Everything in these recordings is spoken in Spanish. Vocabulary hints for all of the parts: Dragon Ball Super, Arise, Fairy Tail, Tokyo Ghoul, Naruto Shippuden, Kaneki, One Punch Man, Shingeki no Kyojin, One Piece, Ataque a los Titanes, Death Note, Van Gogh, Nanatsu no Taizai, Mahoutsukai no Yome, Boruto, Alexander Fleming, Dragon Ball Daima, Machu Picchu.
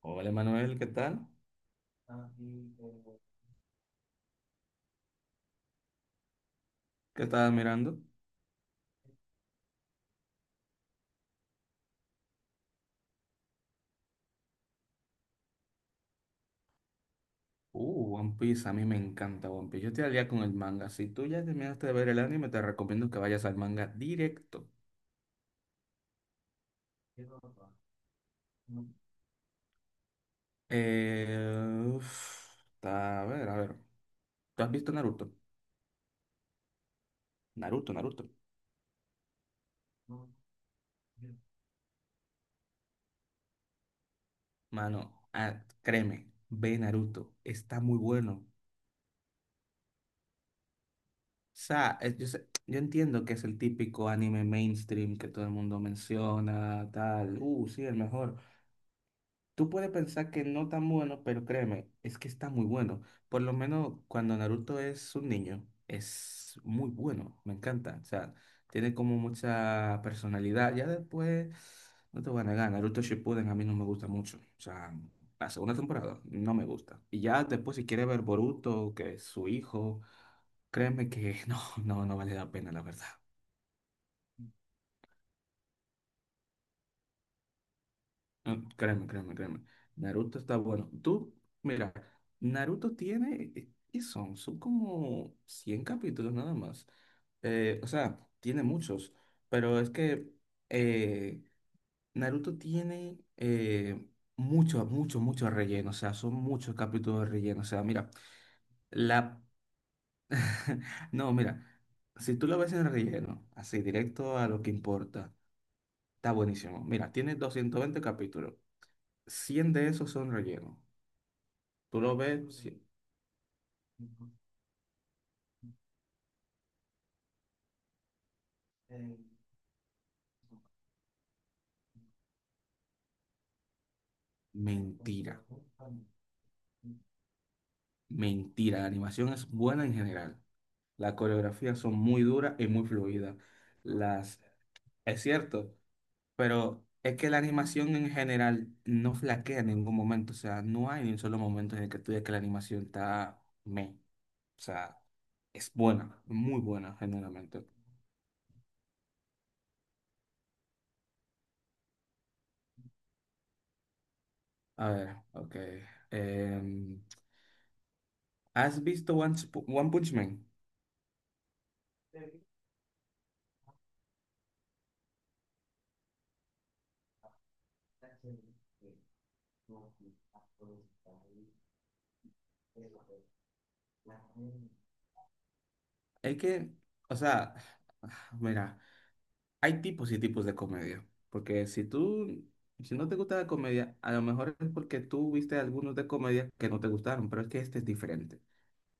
Hola Manuel, ¿qué tal? ¿Qué estabas mirando? One Piece, a mí me encanta One Piece. Yo estoy al día con el manga. Si tú ya terminaste de ver el anime, te recomiendo que vayas al manga directo. Uf, a ver. ¿Tú has visto Naruto? Naruto, Naruto. Mano, créeme, ve Naruto. Está muy bueno. O sea, yo entiendo que es el típico anime mainstream que todo el mundo menciona, tal. Sí, el mejor. Tú puedes pensar que no tan bueno, pero créeme, es que está muy bueno. Por lo menos cuando Naruto es un niño, es muy bueno, me encanta. O sea, tiene como mucha personalidad. Ya después, no te voy a negar, Naruto Shippuden a mí no me gusta mucho. O sea, la segunda temporada no me gusta. Y ya después si quieres ver Boruto, que es su hijo, créeme que no, no, no vale la pena, la verdad. Ah, créeme, créeme, créeme. Naruto está bueno. Tú, mira, Naruto tiene, ¿qué son? Son como 100 capítulos nada más. O sea, tiene muchos, pero es que eh, Naruto tiene mucho, mucho, mucho relleno. O sea, son muchos capítulos de relleno. O sea, mira, la... No, mira, si tú lo ves en relleno, así directo a lo que importa, está buenísimo. Mira, tiene 220 capítulos. Cien de esos son relleno. Tú lo ves, sí, mentira. Mentira, la animación es buena en general. Las coreografías son muy duras y muy fluidas. Las, es cierto, pero es que la animación en general no flaquea en ningún momento. O sea, no hay ni un solo momento en el que tú digas que la animación está meh. O sea, es buena, muy buena generalmente. A ver, ok. Em, ¿Has visto One Punch Man? Es que, o sea, mira. Hay tipos y tipos de comedia, porque si no te gusta la comedia, a lo mejor es porque tú viste algunos de comedia que no te gustaron, pero es que este es diferente.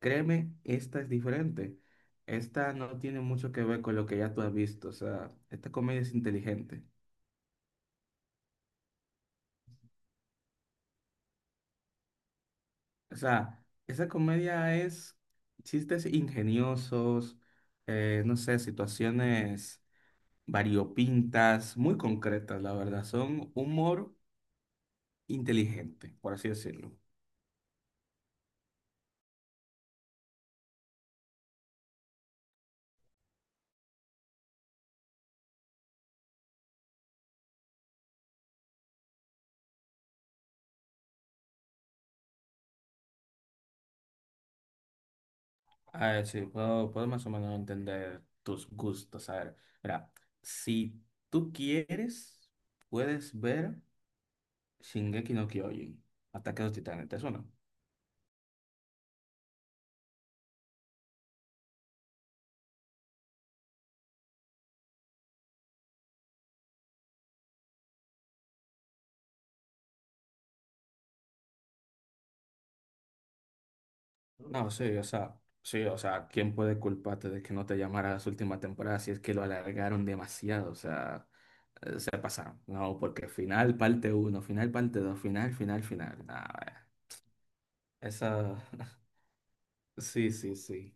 Créeme, esta es diferente. Esta no tiene mucho que ver con lo que ya tú has visto, o sea, esta comedia es inteligente. O sea, esa comedia es chistes ingeniosos, no sé, situaciones variopintas, muy concretas, la verdad. Son humor inteligente, por así decirlo. A ver, sí, puedo más o menos entender tus gustos. A ver, mira, si tú quieres, puedes ver Shingeki no Kyojin, Ataque a los Titanes, ¿te suena? No, sí, o sea, ¿quién puede culparte de que no te llamara a las últimas temporadas si es que lo alargaron demasiado? O sea, se pasaron. No, porque final parte uno final parte 2 final, final, final. Nah, esa, sí, sí, sí.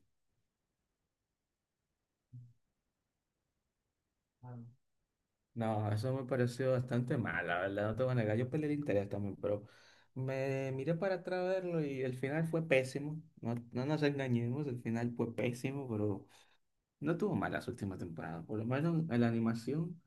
No, eso me pareció bastante mal, la verdad, no te voy a negar. Yo perdí el interés también, pero me miré para atrás a verlo y el final fue pésimo. No, no nos engañemos, el final fue pésimo, pero no tuvo malas últimas temporadas. Por lo menos en la animación,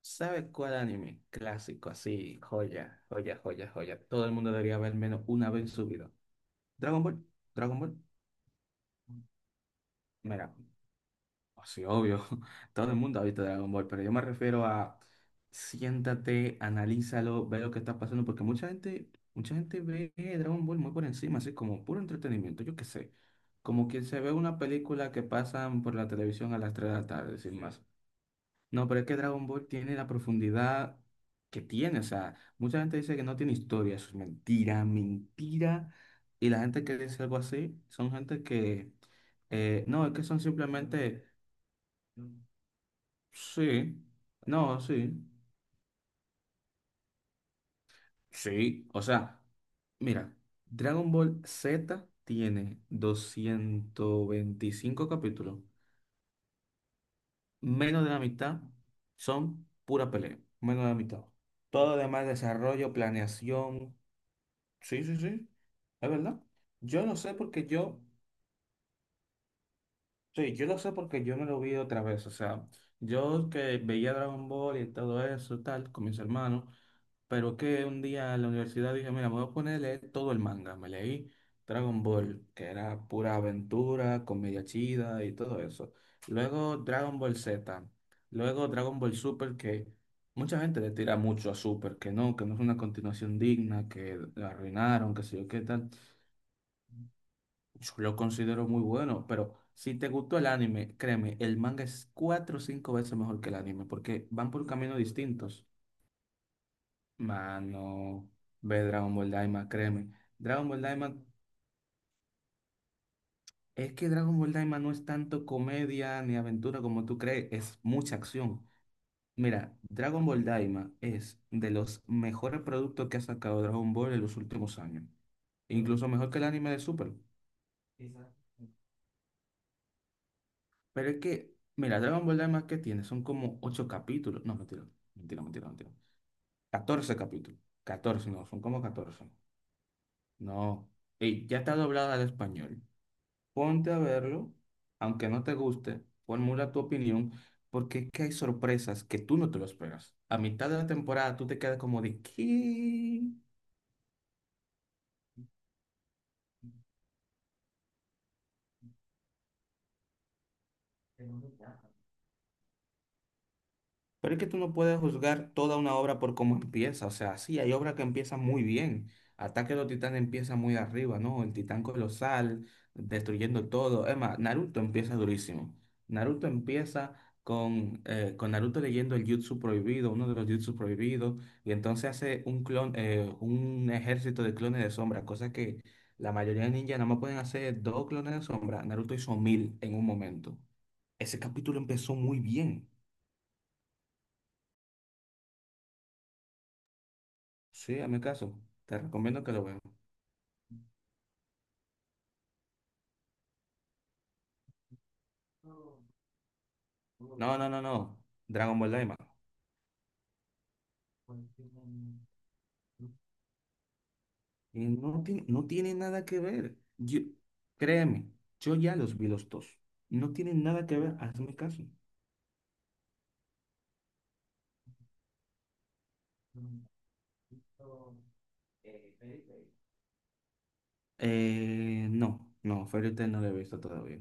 ¿sabes cuál anime? Clásico, así, joya, joya, joya, joya. Todo el mundo debería ver menos una vez en su vida. Dragon Ball, Dragon Ball. Mira, sí, obvio, todo el mundo ha visto Dragon Ball, pero yo me refiero a siéntate, analízalo, ve lo que está pasando, porque mucha gente ve Dragon Ball muy por encima, así como puro entretenimiento, yo qué sé, como que se ve una película que pasan por la televisión a las 3 de la tarde, sin más. No, pero es que Dragon Ball tiene la profundidad que tiene, o sea, mucha gente dice que no tiene historia, eso es mentira, mentira, y la gente que dice algo así son gente que... No, es que son simplemente. Sí, no, sí, sí, o sea, mira, Dragon Ball Z tiene 225 capítulos, menos de la mitad son pura pelea, menos de la mitad. Todo lo demás desarrollo, planeación, sí, sí, sí, es verdad. Yo no sé porque yo. Sí, yo lo sé porque yo me lo vi otra vez. O sea, yo que veía Dragon Ball y todo eso, tal, con mis hermanos, pero que un día en la universidad dije, mira, me voy a poner a leer todo el manga. Me leí Dragon Ball, que era pura aventura, comedia chida y todo eso. Luego Dragon Ball Z. Luego Dragon Ball Super, que mucha gente le tira mucho a Super, que no es una continuación digna, que la arruinaron, que sé yo qué tal. Yo lo considero muy bueno, pero si te gustó el anime, créeme, el manga es cuatro o cinco veces mejor que el anime, porque van por caminos distintos. Mano, ve Dragon Ball Daima, créeme. Dragon Ball Daima, es que Dragon Ball Daima no es tanto comedia ni aventura como tú crees, es mucha acción. Mira, Dragon Ball Daima es de los mejores productos que ha sacado Dragon Ball en los últimos años, incluso mejor que el anime de Super. Pero es que, mira, Dragon Ball Daima que tiene son como 8 capítulos. No, mentira, mentira, mentira, mentira. 14 capítulos. Catorce no, son como catorce. No. Ey, ya está doblada al español. Ponte a verlo, aunque no te guste, formula tu opinión, porque es que hay sorpresas que tú no te lo esperas. A mitad de la temporada tú te quedas como de, ¿qué? Pero es que tú no puedes juzgar toda una obra por cómo empieza. O sea, sí, hay obras que empiezan muy bien. Ataque de los Titanes empieza muy arriba, ¿no? El Titán Colosal, destruyendo todo. Es más, Naruto empieza durísimo. Naruto empieza con Naruto leyendo el Jutsu prohibido, uno de los Jutsu prohibidos, y entonces hace un clon, un ejército de clones de sombra, cosa que la mayoría de ninjas nada más pueden hacer dos clones de sombra. Naruto hizo mil en un momento. Ese capítulo empezó muy bien. Sí, a mi caso. Te recomiendo que lo veas. No, no, no, no. Dragon Ball Daima. Y no, no tiene nada que ver. Yo, créeme, yo ya los vi los dos. No tienen nada que ver, hazme caso. No, no, Fairy Tail no lo he visto todavía.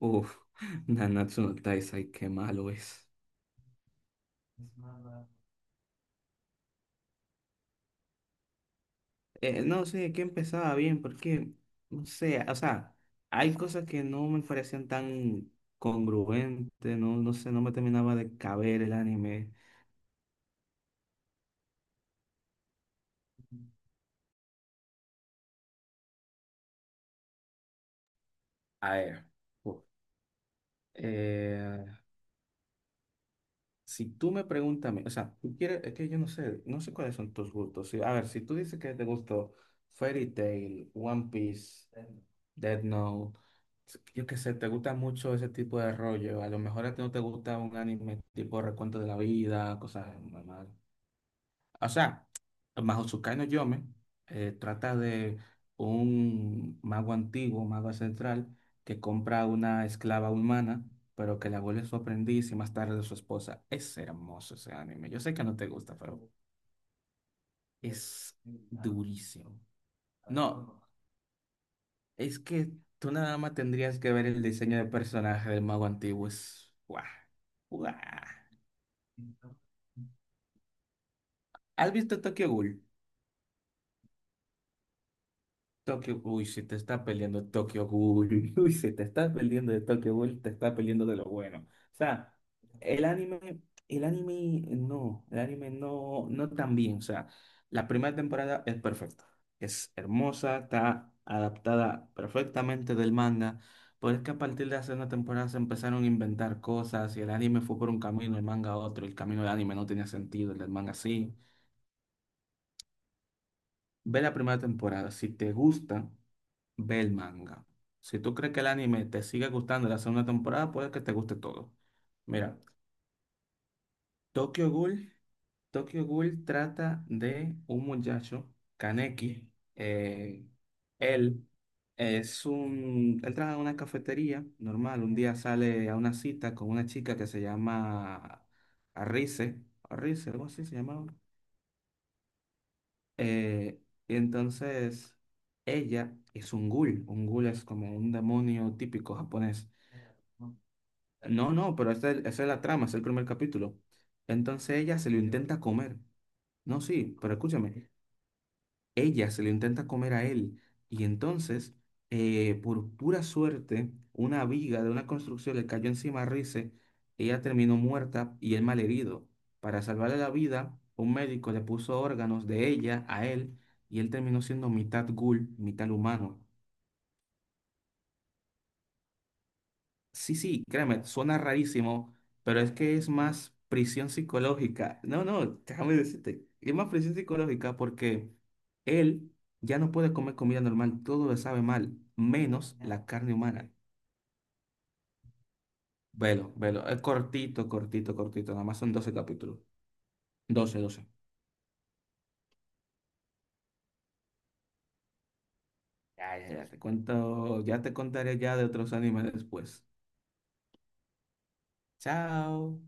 Uf, Nanatsu no Taizai, qué malo es. No sé, que empezaba bien, porque, no sé, o sea, hay cosas que no me parecían tan congruentes, no, no sé, no me terminaba de caber el anime. A ver, uf, eh, si tú me preguntas, a mí, o sea, tú quieres, es que yo no sé, no sé cuáles son tus gustos. Sí, a ver, si tú dices que te gustó Fairy Tail, One Piece, Death Note. Yo qué sé, te gusta mucho ese tipo de rollo. A lo mejor a ti no te gusta un anime tipo recuento de la vida, cosas normales. O sea, Mahoutsukai no Yome trata de un mago antiguo, mago ancestral, que compra una esclava humana, pero que la vuelve su aprendiz y más tarde su esposa. Es hermoso ese anime. Yo sé que no te gusta, pero es durísimo. No. Es que tú nada más tendrías que ver el diseño de personaje del mago antiguo. ¡Guau! ¡Guau! ¿Has visto Tokyo Ghoul? Tokyo Ghoul, si te está peleando Tokyo Ghoul, uy, si te está peleando de Tokyo Ghoul, te está peleando de lo bueno. O sea, el anime, el anime no, el anime no, no tan bien. O sea, la primera temporada es perfecta, es hermosa, está adaptada perfectamente del manga, pero es que a partir de la segunda temporada se empezaron a inventar cosas y el anime fue por un camino, el manga otro, el camino del anime no tenía sentido, el del manga sí. Ve la primera temporada, si te gusta. Ve el manga. Si tú crees que el anime te sigue gustando la segunda temporada, puede que te guste todo. Mira, Tokyo Ghoul, Tokyo Ghoul trata de un muchacho, Kaneki. eh, él él trabaja en una cafetería normal. Un día sale a una cita con una chica que se llama Arise, Arise, algo así se llamaba. Eh, y entonces ella es un ghoul. Un ghoul es como un demonio típico japonés. No, no, pero esta es, esa es la trama, es el primer capítulo. Entonces ella se lo intenta comer. No, sí, pero escúchame, ella se lo intenta comer a él. Y entonces, por pura suerte, una viga de una construcción le cayó encima a Rice. Ella terminó muerta y él malherido. Para salvarle la vida, un médico le puso órganos de ella a él y él terminó siendo mitad ghoul, mitad humano. Sí, sí, créeme, suena rarísimo, pero es que es más prisión psicológica. No, no, déjame decirte, es más prisión psicológica porque él ya no puede comer comida normal, todo le sabe mal, menos la carne humana. Velo, velo, es cortito, cortito, cortito, nada más son 12 capítulos. Doce, doce. Ya, ya, ya, te cuento, ya te contaré ya de otros animes después. Chao.